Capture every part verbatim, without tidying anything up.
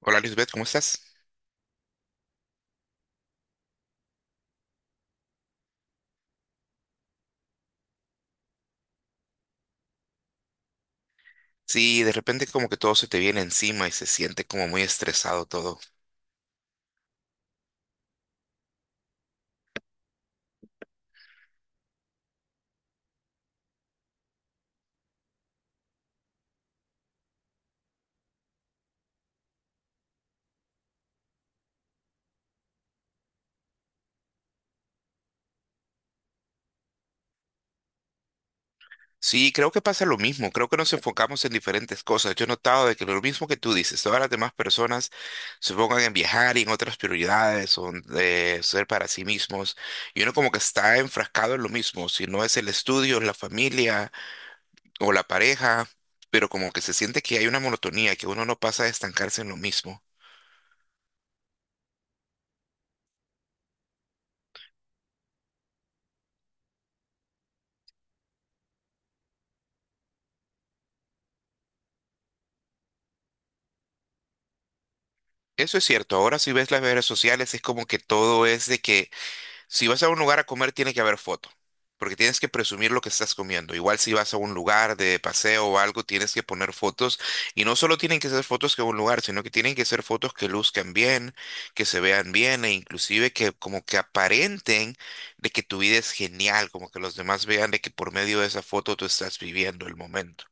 Hola Lisbeth, ¿cómo estás? Sí, de repente como que todo se te viene encima y se siente como muy estresado todo. Sí, creo que pasa lo mismo, creo que nos enfocamos en diferentes cosas. Yo he notado de que lo mismo que tú dices, todas las demás personas se enfocan en viajar y en otras prioridades o en, eh, ser para sí mismos y uno como que está enfrascado en lo mismo, si no es el estudio, es la familia o la pareja, pero como que se siente que hay una monotonía, que uno no pasa a estancarse en lo mismo. Eso es cierto, ahora si ves las redes sociales es como que todo es de que si vas a un lugar a comer, tiene que haber foto, porque tienes que presumir lo que estás comiendo. Igual si vas a un lugar de paseo o algo, tienes que poner fotos. Y no solo tienen que ser fotos que un lugar, sino que tienen que ser fotos que luzcan bien, que se vean bien e inclusive que como que aparenten de que tu vida es genial, como que los demás vean de que por medio de esa foto tú estás viviendo el momento,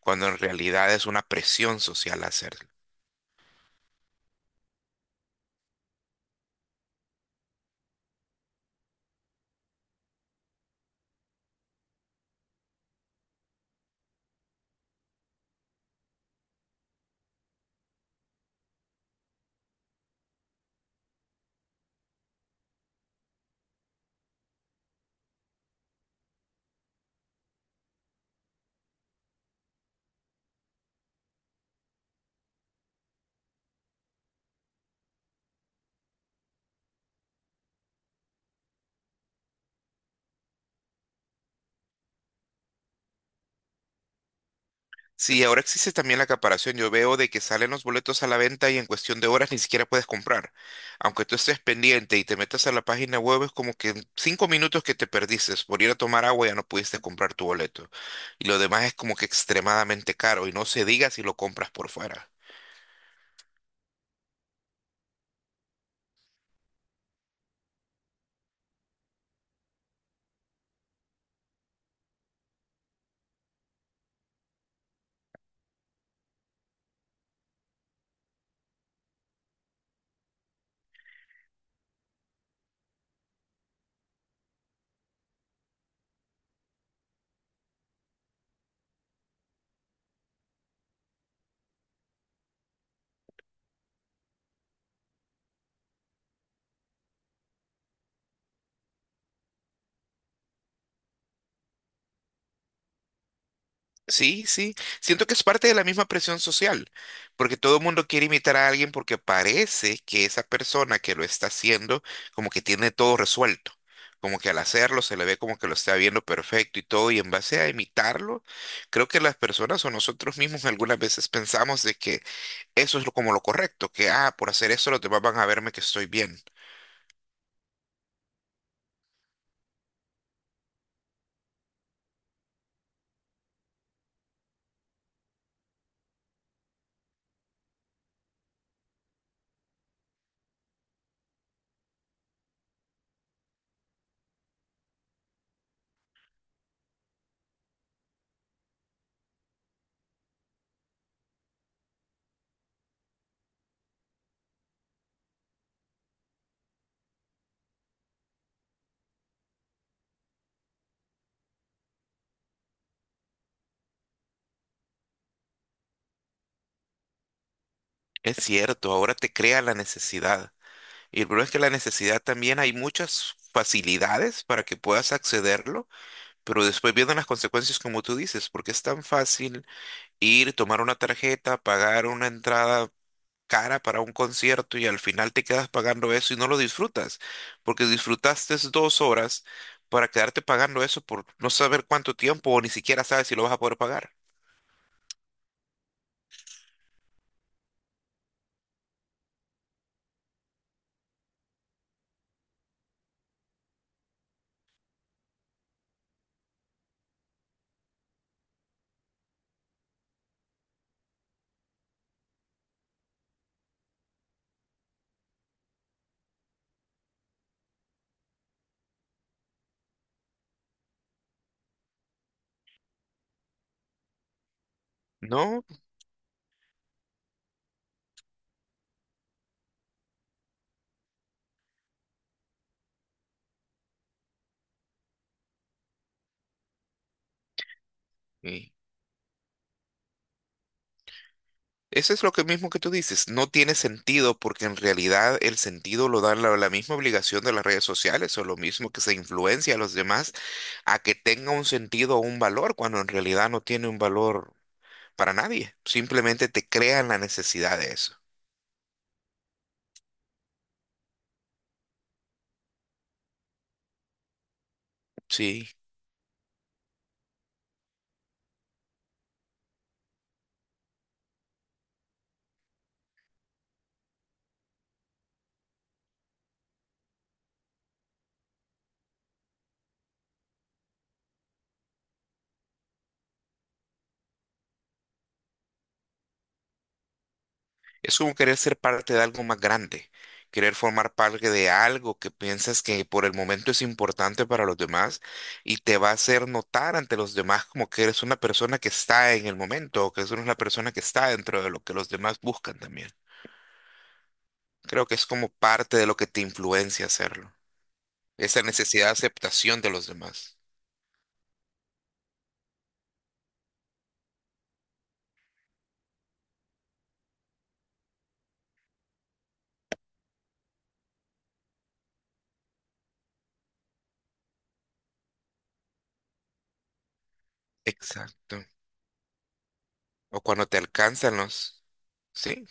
cuando en realidad es una presión social hacer. Sí, ahora existe también la acaparación. Yo veo de que salen los boletos a la venta y en cuestión de horas ni siquiera puedes comprar. Aunque tú estés pendiente y te metas a la página web, es como que en cinco minutos que te perdiste por ir a tomar agua ya no pudiste comprar tu boleto. Y lo demás es como que extremadamente caro y no se diga si lo compras por fuera. Sí, sí. Siento que es parte de la misma presión social, porque todo el mundo quiere imitar a alguien porque parece que esa persona que lo está haciendo como que tiene todo resuelto, como que al hacerlo se le ve como que lo está viendo perfecto y todo, y en base a imitarlo, creo que las personas o nosotros mismos algunas veces pensamos de que eso es lo- como lo correcto, que ah, por hacer eso los demás van a verme que estoy bien. Es cierto, ahora te crea la necesidad. Y el problema es que la necesidad también hay muchas facilidades para que puedas accederlo. Pero después vienen las consecuencias, como tú dices, porque es tan fácil ir, tomar una tarjeta, pagar una entrada cara para un concierto y al final te quedas pagando eso y no lo disfrutas, porque disfrutaste dos horas para quedarte pagando eso por no saber cuánto tiempo o ni siquiera sabes si lo vas a poder pagar. No, y eso es lo que mismo que tú dices, no tiene sentido porque en realidad el sentido lo da la, la misma obligación de las redes sociales o lo mismo que se influencia a los demás a que tenga un sentido o un valor cuando en realidad no tiene un valor para nadie, simplemente te crean la necesidad de eso. Sí. Es como querer ser parte de algo más grande, querer formar parte de algo que piensas que por el momento es importante para los demás y te va a hacer notar ante los demás como que eres una persona que está en el momento o que eres una persona que está dentro de lo que los demás buscan también. Creo que es como parte de lo que te influencia hacerlo, esa necesidad de aceptación de los demás. Exacto. O cuando te alcanzan los... Sí,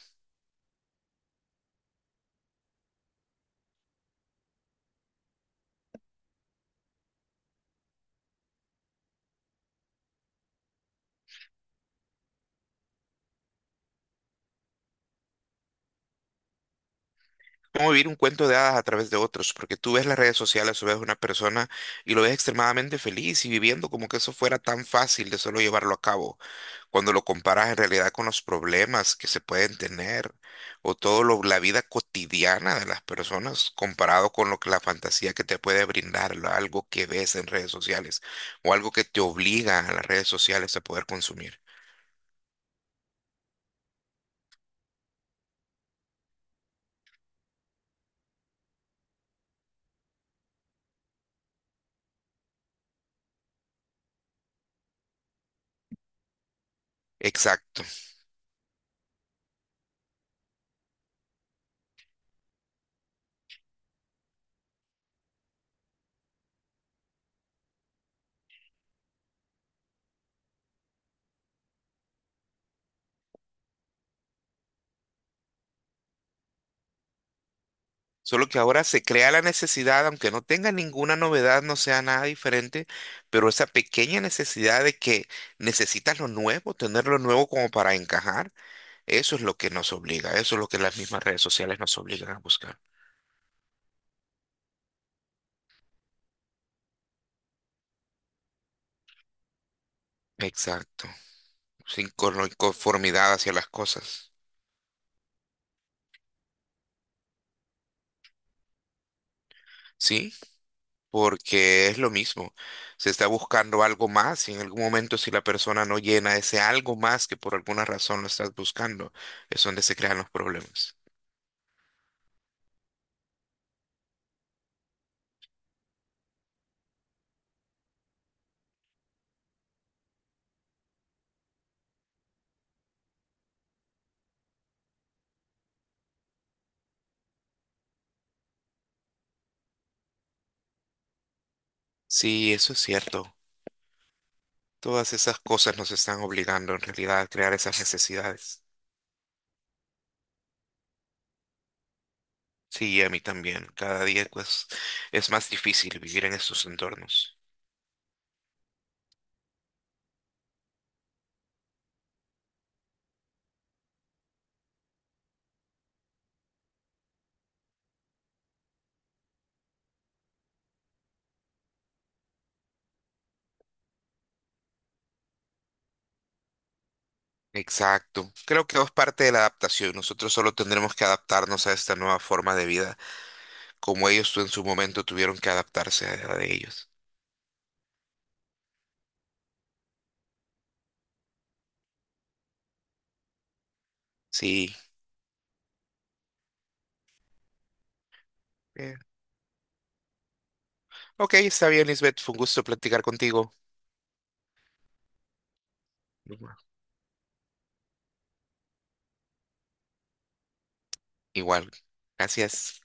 cómo vivir un cuento de hadas a través de otros, porque tú ves las redes sociales o ves una persona y lo ves extremadamente feliz y viviendo como que eso fuera tan fácil de solo llevarlo a cabo, cuando lo comparas en realidad con los problemas que se pueden tener o todo lo, la vida cotidiana de las personas comparado con lo que la fantasía que te puede brindar, lo- algo que ves en redes sociales o algo que te obliga a las redes sociales a poder consumir. Exacto. Solo que ahora se crea la necesidad, aunque no tenga ninguna novedad, no sea nada diferente, pero esa pequeña necesidad de que necesitas lo nuevo, tener lo nuevo como para encajar, eso es lo que nos obliga, eso es lo que las mismas redes sociales nos obligan a buscar. Exacto, sin con- conformidad hacia las cosas, ¿sí? Porque es lo mismo, se está buscando algo más y en algún momento si la persona no llena ese algo más que por alguna razón lo estás buscando, es donde se crean los problemas. Sí, eso es cierto. Todas esas cosas nos están obligando en realidad a crear esas necesidades. Sí, y a mí también. Cada día pues es más difícil vivir en estos entornos. Exacto. Creo que es parte de la adaptación. Nosotros solo tendremos que adaptarnos a esta nueva forma de vida, como ellos en su momento tuvieron que adaptarse a la de ellos. Sí. Eh, ok, está bien, Lisbeth. Fue un gusto platicar contigo. Igual. Gracias.